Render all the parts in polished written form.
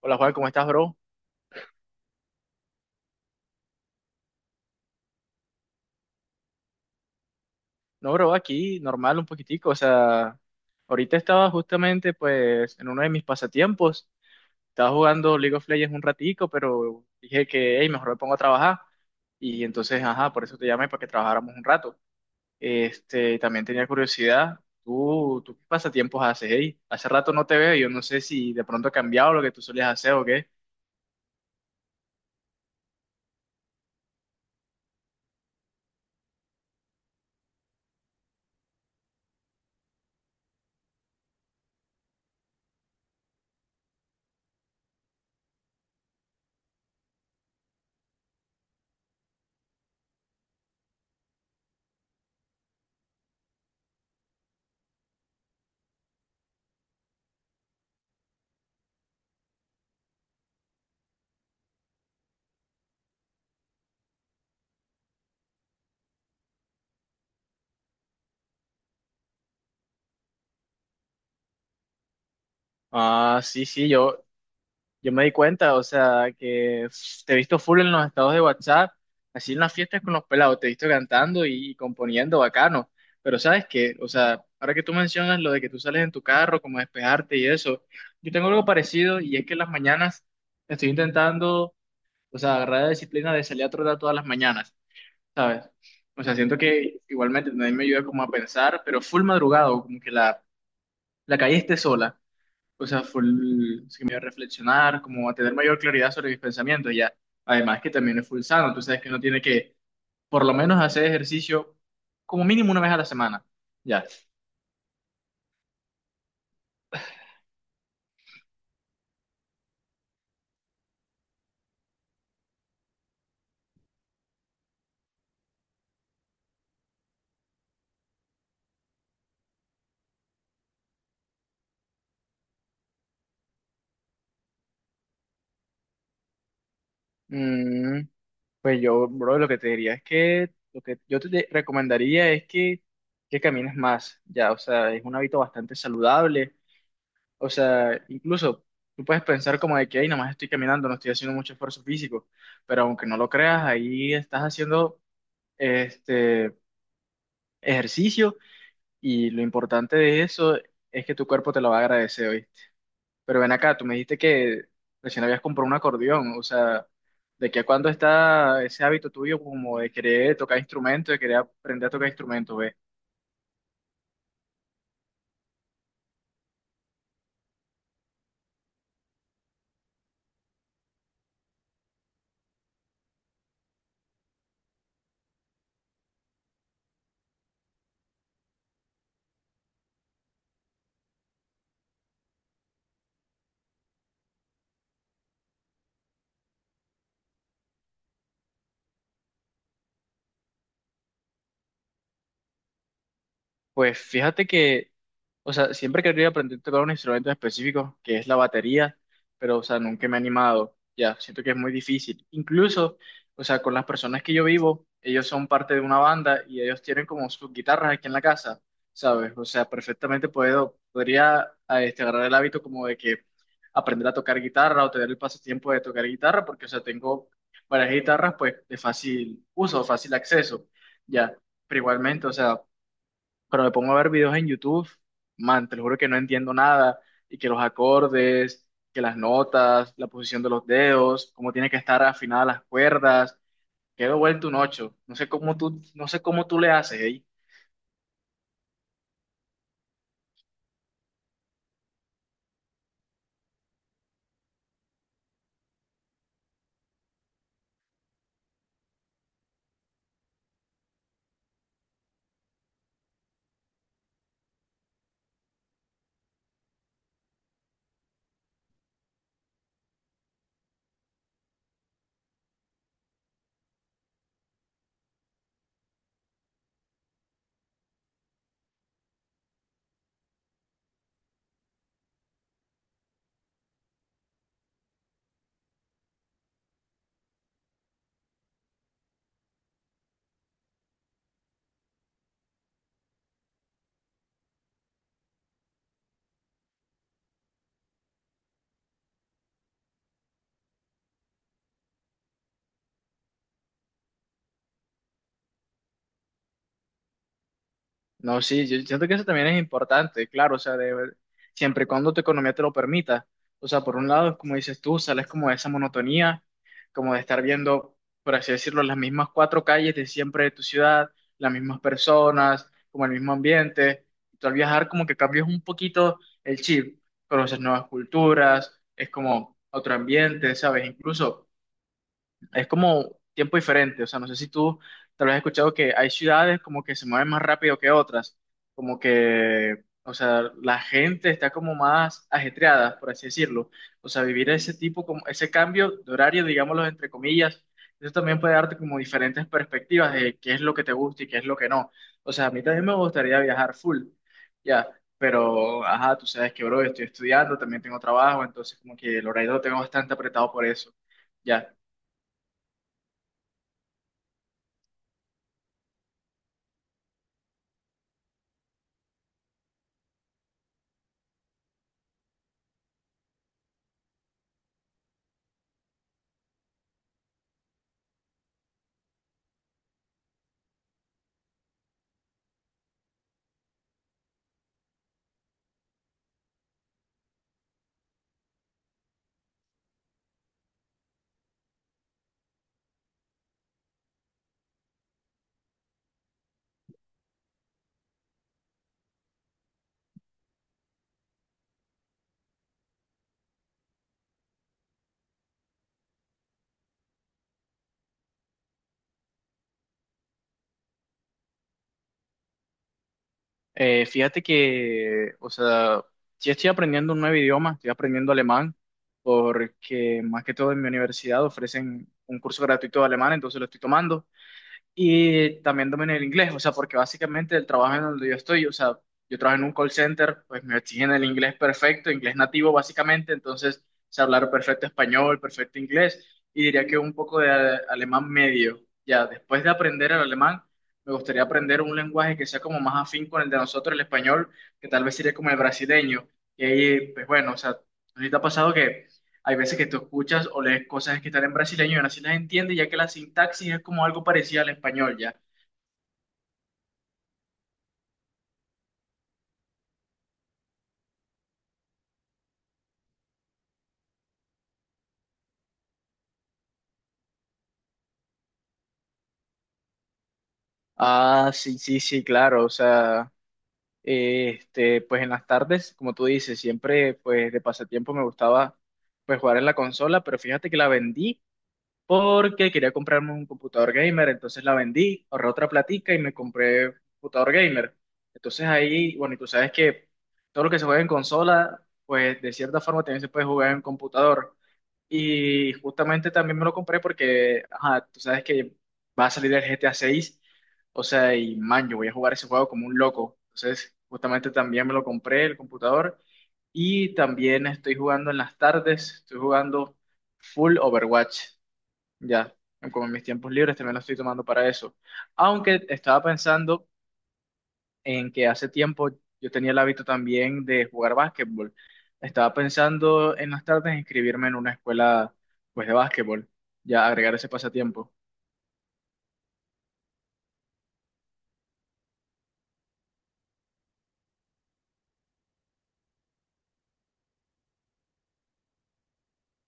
Hola Juan, ¿cómo estás, bro? No, bro, aquí normal un poquitico. O sea, ahorita estaba justamente pues en uno de mis pasatiempos. Estaba jugando League of Legends un ratico, pero dije que, hey, mejor me pongo a trabajar. Y entonces, ajá, por eso te llamé para que trabajáramos un rato. Este, también tenía curiosidad. ¿Tú qué pasatiempos haces, hey? Hace rato no te veo, yo no sé si de pronto ha cambiado lo que tú solías hacer o qué. Ah, sí, sí, yo. Me di cuenta, o sea, que te he visto full en los estados de WhatsApp, así en las fiestas con los pelados, te he visto cantando y componiendo bacano. Pero sabes qué, o sea, ahora que tú mencionas lo de que tú sales en tu carro, como a despejarte y eso, yo tengo algo parecido y es que en las mañanas estoy intentando, o sea, agarrar la disciplina de salir a trotar todas las mañanas, ¿sabes? O sea, siento que igualmente también me ayuda como a pensar, pero full madrugado, como que la calle esté sola, o sea, full, sí que me dio a reflexionar, como a tener mayor claridad sobre mis pensamientos, y ya. Además que también es full sano, tú sabes que uno tiene que, por lo menos, hacer ejercicio como mínimo una vez a la semana, ya. Mm, pues yo, bro, lo que te diría es que, lo que yo te recomendaría es que camines más, ya, o sea, es un hábito bastante saludable, o sea, incluso tú puedes pensar como de que, ay, nomás estoy caminando, no estoy haciendo mucho esfuerzo físico, pero aunque no lo creas, ahí estás haciendo, este, ejercicio, y lo importante de eso es que tu cuerpo te lo va a agradecer hoy. Pero ven acá, tú me dijiste que recién habías comprado un acordeón, o sea, ¿de qué a cuándo está ese hábito tuyo como de querer tocar instrumentos, de querer aprender a tocar instrumentos, ve? Pues fíjate que, o sea, siempre quería aprender a tocar un instrumento en específico, que es la batería, pero, o sea, nunca me he animado. Ya, siento que es muy difícil. Incluso, o sea, con las personas que yo vivo, ellos son parte de una banda y ellos tienen como sus guitarras aquí en la casa, ¿sabes? O sea, perfectamente puedo, podría a este, agarrar el hábito como de que aprender a tocar guitarra o tener el pasatiempo de tocar guitarra, porque, o sea, tengo varias guitarras, pues, de fácil uso, fácil acceso, ya. Pero igualmente, o sea, pero me pongo a ver videos en YouTube, man, te lo juro que no entiendo nada, y que los acordes, que las notas, la posición de los dedos, cómo tiene que estar afinadas las cuerdas, quedo vuelto un ocho. No sé cómo tú, no sé cómo tú le haces, ¿eh? No, sí, yo siento que eso también es importante, claro, o sea, de, siempre y cuando tu economía te lo permita. O sea, por un lado, como dices tú, sales como de esa monotonía, como de estar viendo, por así decirlo, las mismas cuatro calles de siempre de tu ciudad, las mismas personas, como el mismo ambiente. Tú al viajar como que cambias un poquito el chip, conoces nuevas culturas, es como otro ambiente, ¿sabes? Incluso es como tiempo diferente, o sea, no sé si tú tal vez has escuchado que hay ciudades como que se mueven más rápido que otras, como que, o sea, la gente está como más ajetreada, por así decirlo. O sea, vivir ese tipo, como ese cambio de horario, digámoslo entre comillas, eso también puede darte como diferentes perspectivas de qué es lo que te gusta y qué es lo que no. O sea, a mí también me gustaría viajar full, ya. Pero, ajá, tú sabes que, bro, estoy estudiando, también tengo trabajo, entonces como que el horario lo tengo bastante apretado por eso. Ya. Fíjate que, o sea, sí estoy aprendiendo un nuevo idioma, estoy aprendiendo alemán, porque más que todo en mi universidad ofrecen un curso gratuito de alemán, entonces lo estoy tomando. Y también dominé el inglés, o sea, porque básicamente el trabajo en donde yo estoy, o sea, yo trabajo en un call center, pues me exigen el inglés perfecto, inglés nativo básicamente, entonces sé hablar perfecto español, perfecto inglés, y diría que un poco de alemán medio. Ya, después de aprender el alemán, me gustaría aprender un lenguaje que sea como más afín con el de nosotros, el español, que tal vez sería como el brasileño. Y ahí, pues bueno, o sea, ahorita ha pasado que hay veces que tú escuchas o lees cosas que están en brasileño y aún así las entiendes, ya que la sintaxis es como algo parecido al español, ¿ya? Ah, sí, sí, sí, claro, o sea, este, pues en las tardes, como tú dices, siempre, pues de pasatiempo me gustaba, pues jugar en la consola, pero fíjate que la vendí porque quería comprarme un computador gamer, entonces la vendí, ahorré otra platica y me compré un computador gamer. Entonces ahí, bueno, y tú sabes que todo lo que se juega en consola, pues de cierta forma también se puede jugar en computador. Y justamente también me lo compré porque, ajá, tú sabes que va a salir el GTA 6, o sea, y man, yo voy a jugar ese juego como un loco. Entonces, justamente también me lo compré el computador y también estoy jugando en las tardes, estoy jugando full Overwatch. Ya, como en mis tiempos libres también lo estoy tomando para eso. Aunque estaba pensando en que hace tiempo yo tenía el hábito también de jugar básquetbol. Estaba pensando en las tardes inscribirme en una escuela pues de básquetbol, ya agregar ese pasatiempo.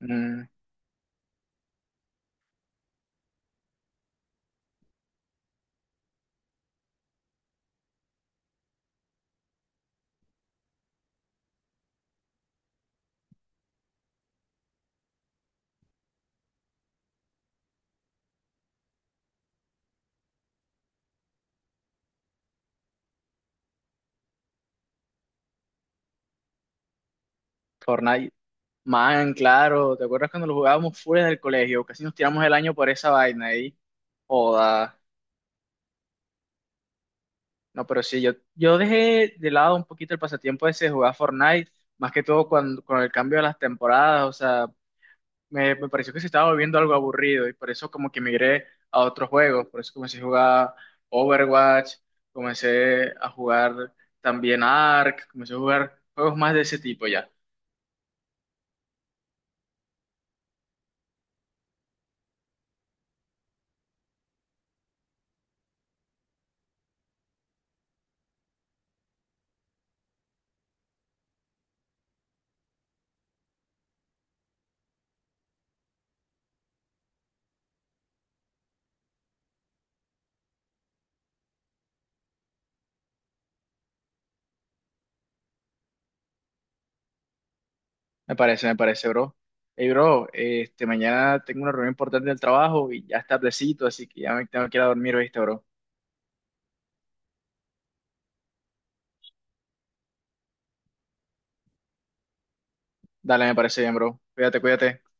Mm. Fortnite. Man, claro, ¿te acuerdas cuando lo jugábamos fuera del colegio? Casi nos tiramos el año por esa vaina ahí. Joda. No, pero sí, yo dejé de lado un poquito el pasatiempo ese de jugar Fortnite, más que todo cuando, con el cambio de las temporadas, o sea, me pareció que se estaba volviendo algo aburrido y por eso como que migré a otros juegos, por eso comencé a jugar Overwatch, comencé a jugar también Ark, comencé a jugar juegos más de ese tipo ya. Me parece, bro. Hey, bro, este, mañana tengo una reunión importante del trabajo y ya está tardecito, así que ya me tengo que ir a dormir, ¿viste, bro? Dale, me parece bien, bro. Cuídate, cuídate.